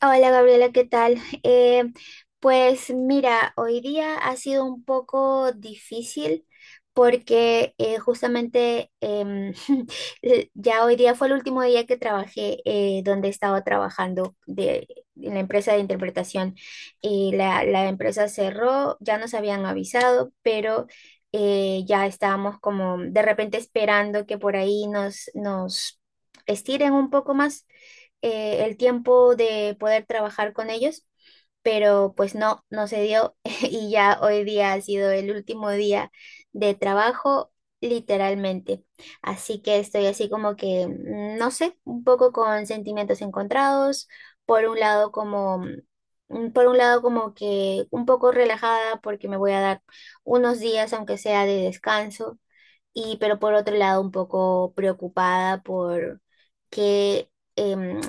Hola Gabriela, ¿qué tal? Pues mira, hoy día ha sido un poco difícil porque justamente ya hoy día fue el último día que trabajé, donde estaba trabajando de, en la empresa de interpretación, y la empresa cerró, ya nos habían avisado, pero ya estábamos como de repente esperando que por ahí nos estiren un poco más el tiempo de poder trabajar con ellos, pero pues no, no se dio. Y ya hoy día ha sido el último día de trabajo literalmente. Así que estoy así como que, no sé, un poco con sentimientos encontrados, por un lado como... Por un lado como que un poco relajada porque me voy a dar unos días, aunque sea de descanso, y pero por otro lado un poco preocupada por qué,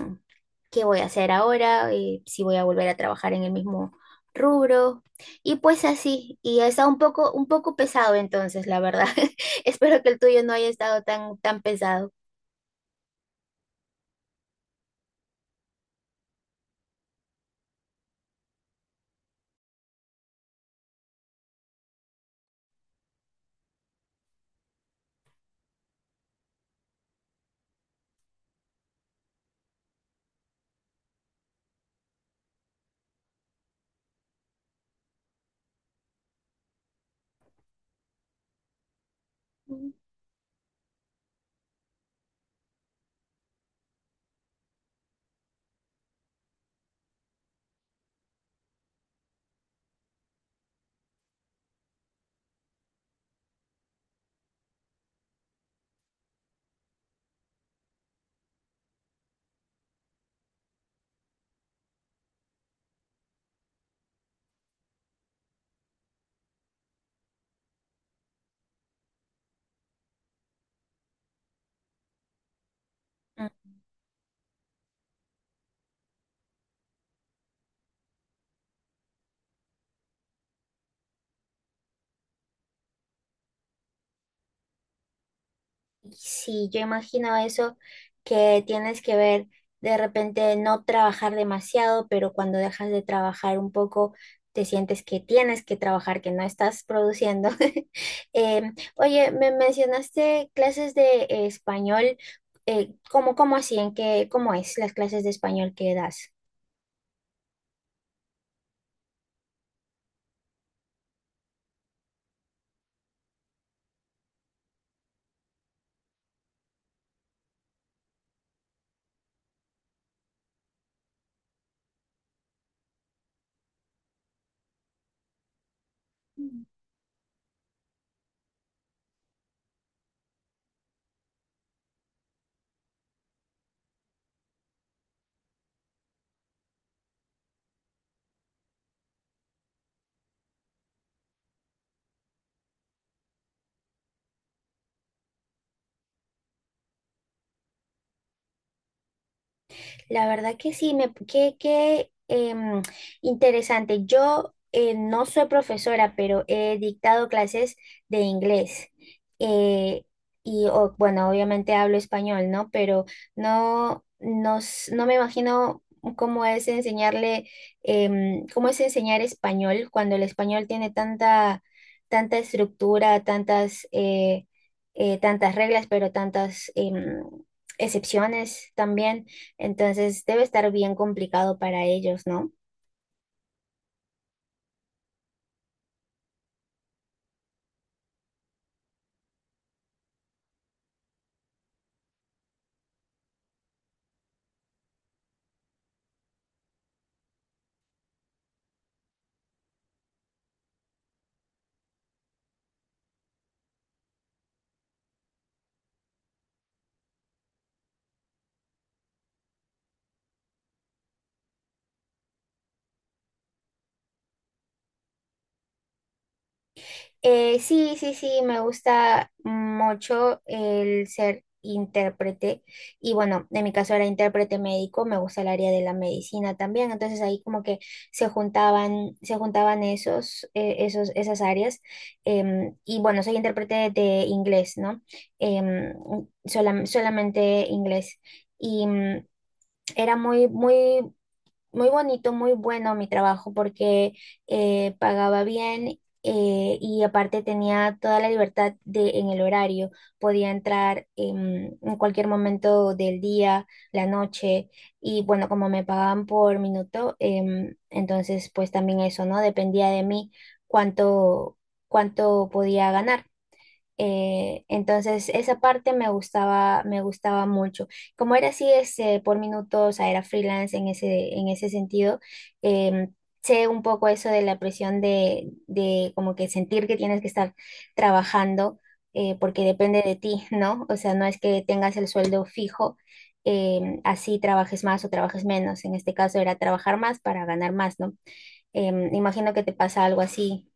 qué voy a hacer ahora, si voy a volver a trabajar en el mismo rubro. Y pues así, y ha estado un poco pesado entonces, la verdad. Espero que el tuyo no haya estado tan, tan pesado. Sí, yo imagino eso que tienes que ver de repente no trabajar demasiado, pero cuando dejas de trabajar un poco, te sientes que tienes que trabajar, que no estás produciendo. Oye, me mencionaste clases de español. ¿Cómo, cómo así? ¿En qué, cómo es las clases de español que das? La verdad que sí, me, qué, qué em, interesante. Yo no soy profesora, pero he dictado clases de inglés. Eh, y bueno, obviamente hablo español, ¿no? Pero no, no, no me imagino cómo es enseñarle, cómo es enseñar español cuando el español tiene tanta, tanta estructura, tantas, tantas reglas, pero tantas excepciones también. Entonces debe estar bien complicado para ellos, ¿no? Sí, sí, sí, me gusta mucho el ser intérprete, y bueno, en mi caso era intérprete médico, me gusta el área de la medicina también, entonces ahí como que se juntaban esos, esos, esas áreas. Y bueno, soy intérprete de inglés, ¿no? Em, Solamente inglés. Y era muy, muy muy bonito, muy bueno mi trabajo porque pagaba bien, y aparte tenía toda la libertad de, en el horario. Podía entrar en cualquier momento del día, la noche, y bueno, como me pagaban por minuto, entonces pues también eso, ¿no? Dependía de mí cuánto, cuánto podía ganar. Entonces esa parte me gustaba mucho. Como era así, este, por minutos, o sea, era freelance en ese sentido, em, sé un poco eso de la presión de como que sentir que tienes que estar trabajando, porque depende de ti. ¿No? O sea, no es que tengas el sueldo fijo, así trabajes más o trabajes menos. En este caso era trabajar más para ganar más, ¿no? Imagino que te pasa algo así.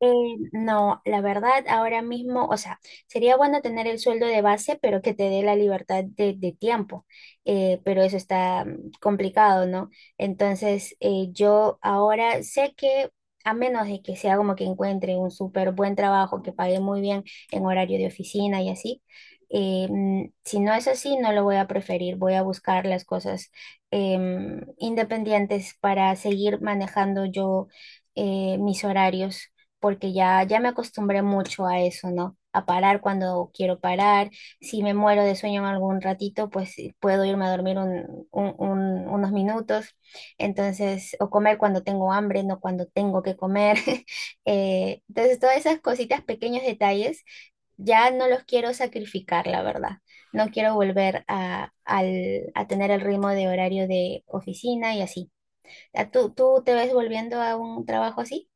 Eh, no, la verdad, ahora mismo, o sea, sería bueno tener el sueldo de base, pero que te dé la libertad de tiempo, pero eso está complicado, ¿no? Entonces, yo ahora sé que a menos de que sea como que encuentre un súper buen trabajo que pague muy bien en horario de oficina y así, si no es así, no lo voy a preferir, voy a buscar las cosas independientes para seguir manejando yo mis horarios, porque ya, ya me acostumbré mucho a eso, ¿no? A parar cuando quiero parar. Si me muero de sueño en algún ratito, pues sí, puedo irme a dormir unos minutos. Entonces, o comer cuando tengo hambre, no cuando tengo que comer. Entonces, todas esas cositas, pequeños detalles, ya no los quiero sacrificar, la verdad. No quiero volver a, a tener el ritmo de horario de oficina y así. ¿Tú, tú te ves volviendo a un trabajo así?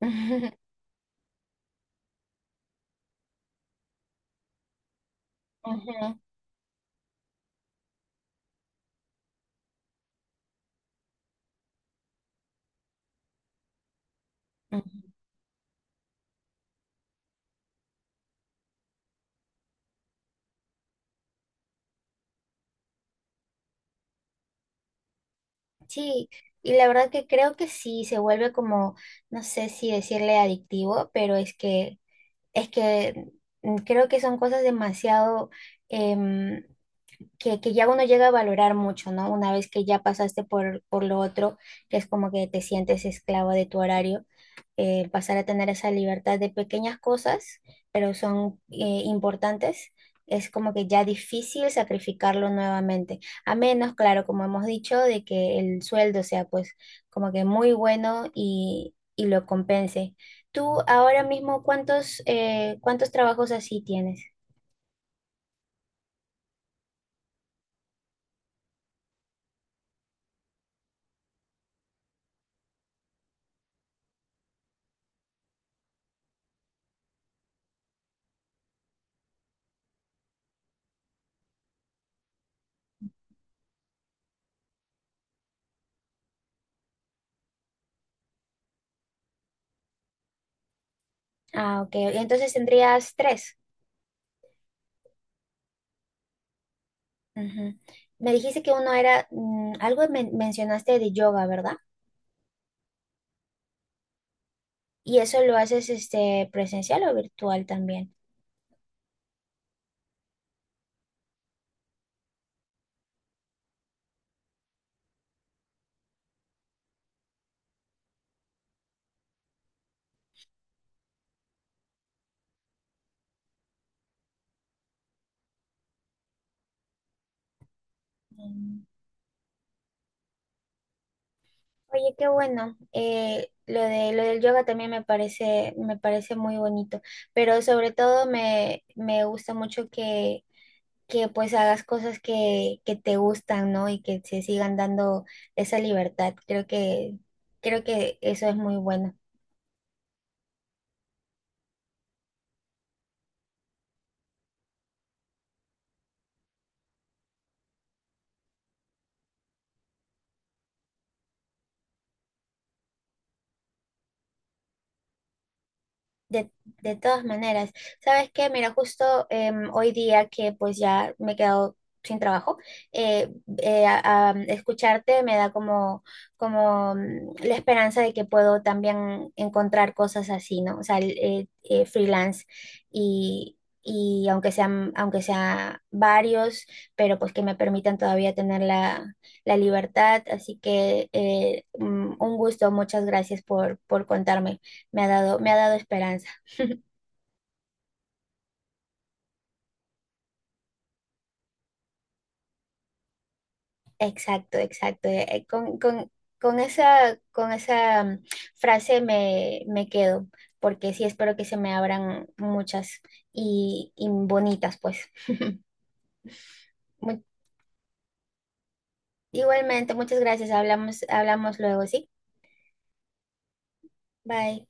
Ujú. Ujú. Sí, y la verdad que creo que sí se vuelve como, no sé si decirle adictivo, pero es que creo que son cosas demasiado, em, que ya uno llega a valorar mucho, ¿no? Una vez que ya pasaste por lo otro, que es como que te sientes esclavo de tu horario, pasar a tener esa libertad de pequeñas cosas, pero son importantes, es como que ya difícil sacrificarlo nuevamente. A menos, claro, como hemos dicho, de que el sueldo sea pues como que muy bueno y lo compense. Tú ahora mismo, ¿cuántos, cuántos trabajos así tienes? Ah, ok. Entonces tendrías tres. Ujú. Me dijiste que uno era, algo mencionaste de yoga, ¿verdad? ¿Y eso lo haces este presencial o virtual también? Mm. Oye, qué bueno. Lo de, lo del yoga también me parece muy bonito, pero sobre todo me, me gusta mucho que pues hagas cosas que te gustan, ¿no? Y que se sigan dando esa libertad. Creo que eso es muy bueno. De, de todas maneras, ¿sabes qué? Mira, justo hoy día que pues ya me he quedado sin trabajo, eh, escucharte me da como, como la esperanza de que puedo también encontrar cosas así, ¿no? O sea, freelance y aunque sean, aunque sea varios, pero pues que me permitan todavía tener la, la libertad. Así que un gusto, muchas gracias por contarme. Me ha dado esperanza. Exacto, exacto. Con, con esa frase me, me quedo, porque sí espero que se me abran muchas y bonitas, pues. Mu- Igualmente, muchas gracias. Hablamos, hablamos luego, ¿sí? Bye.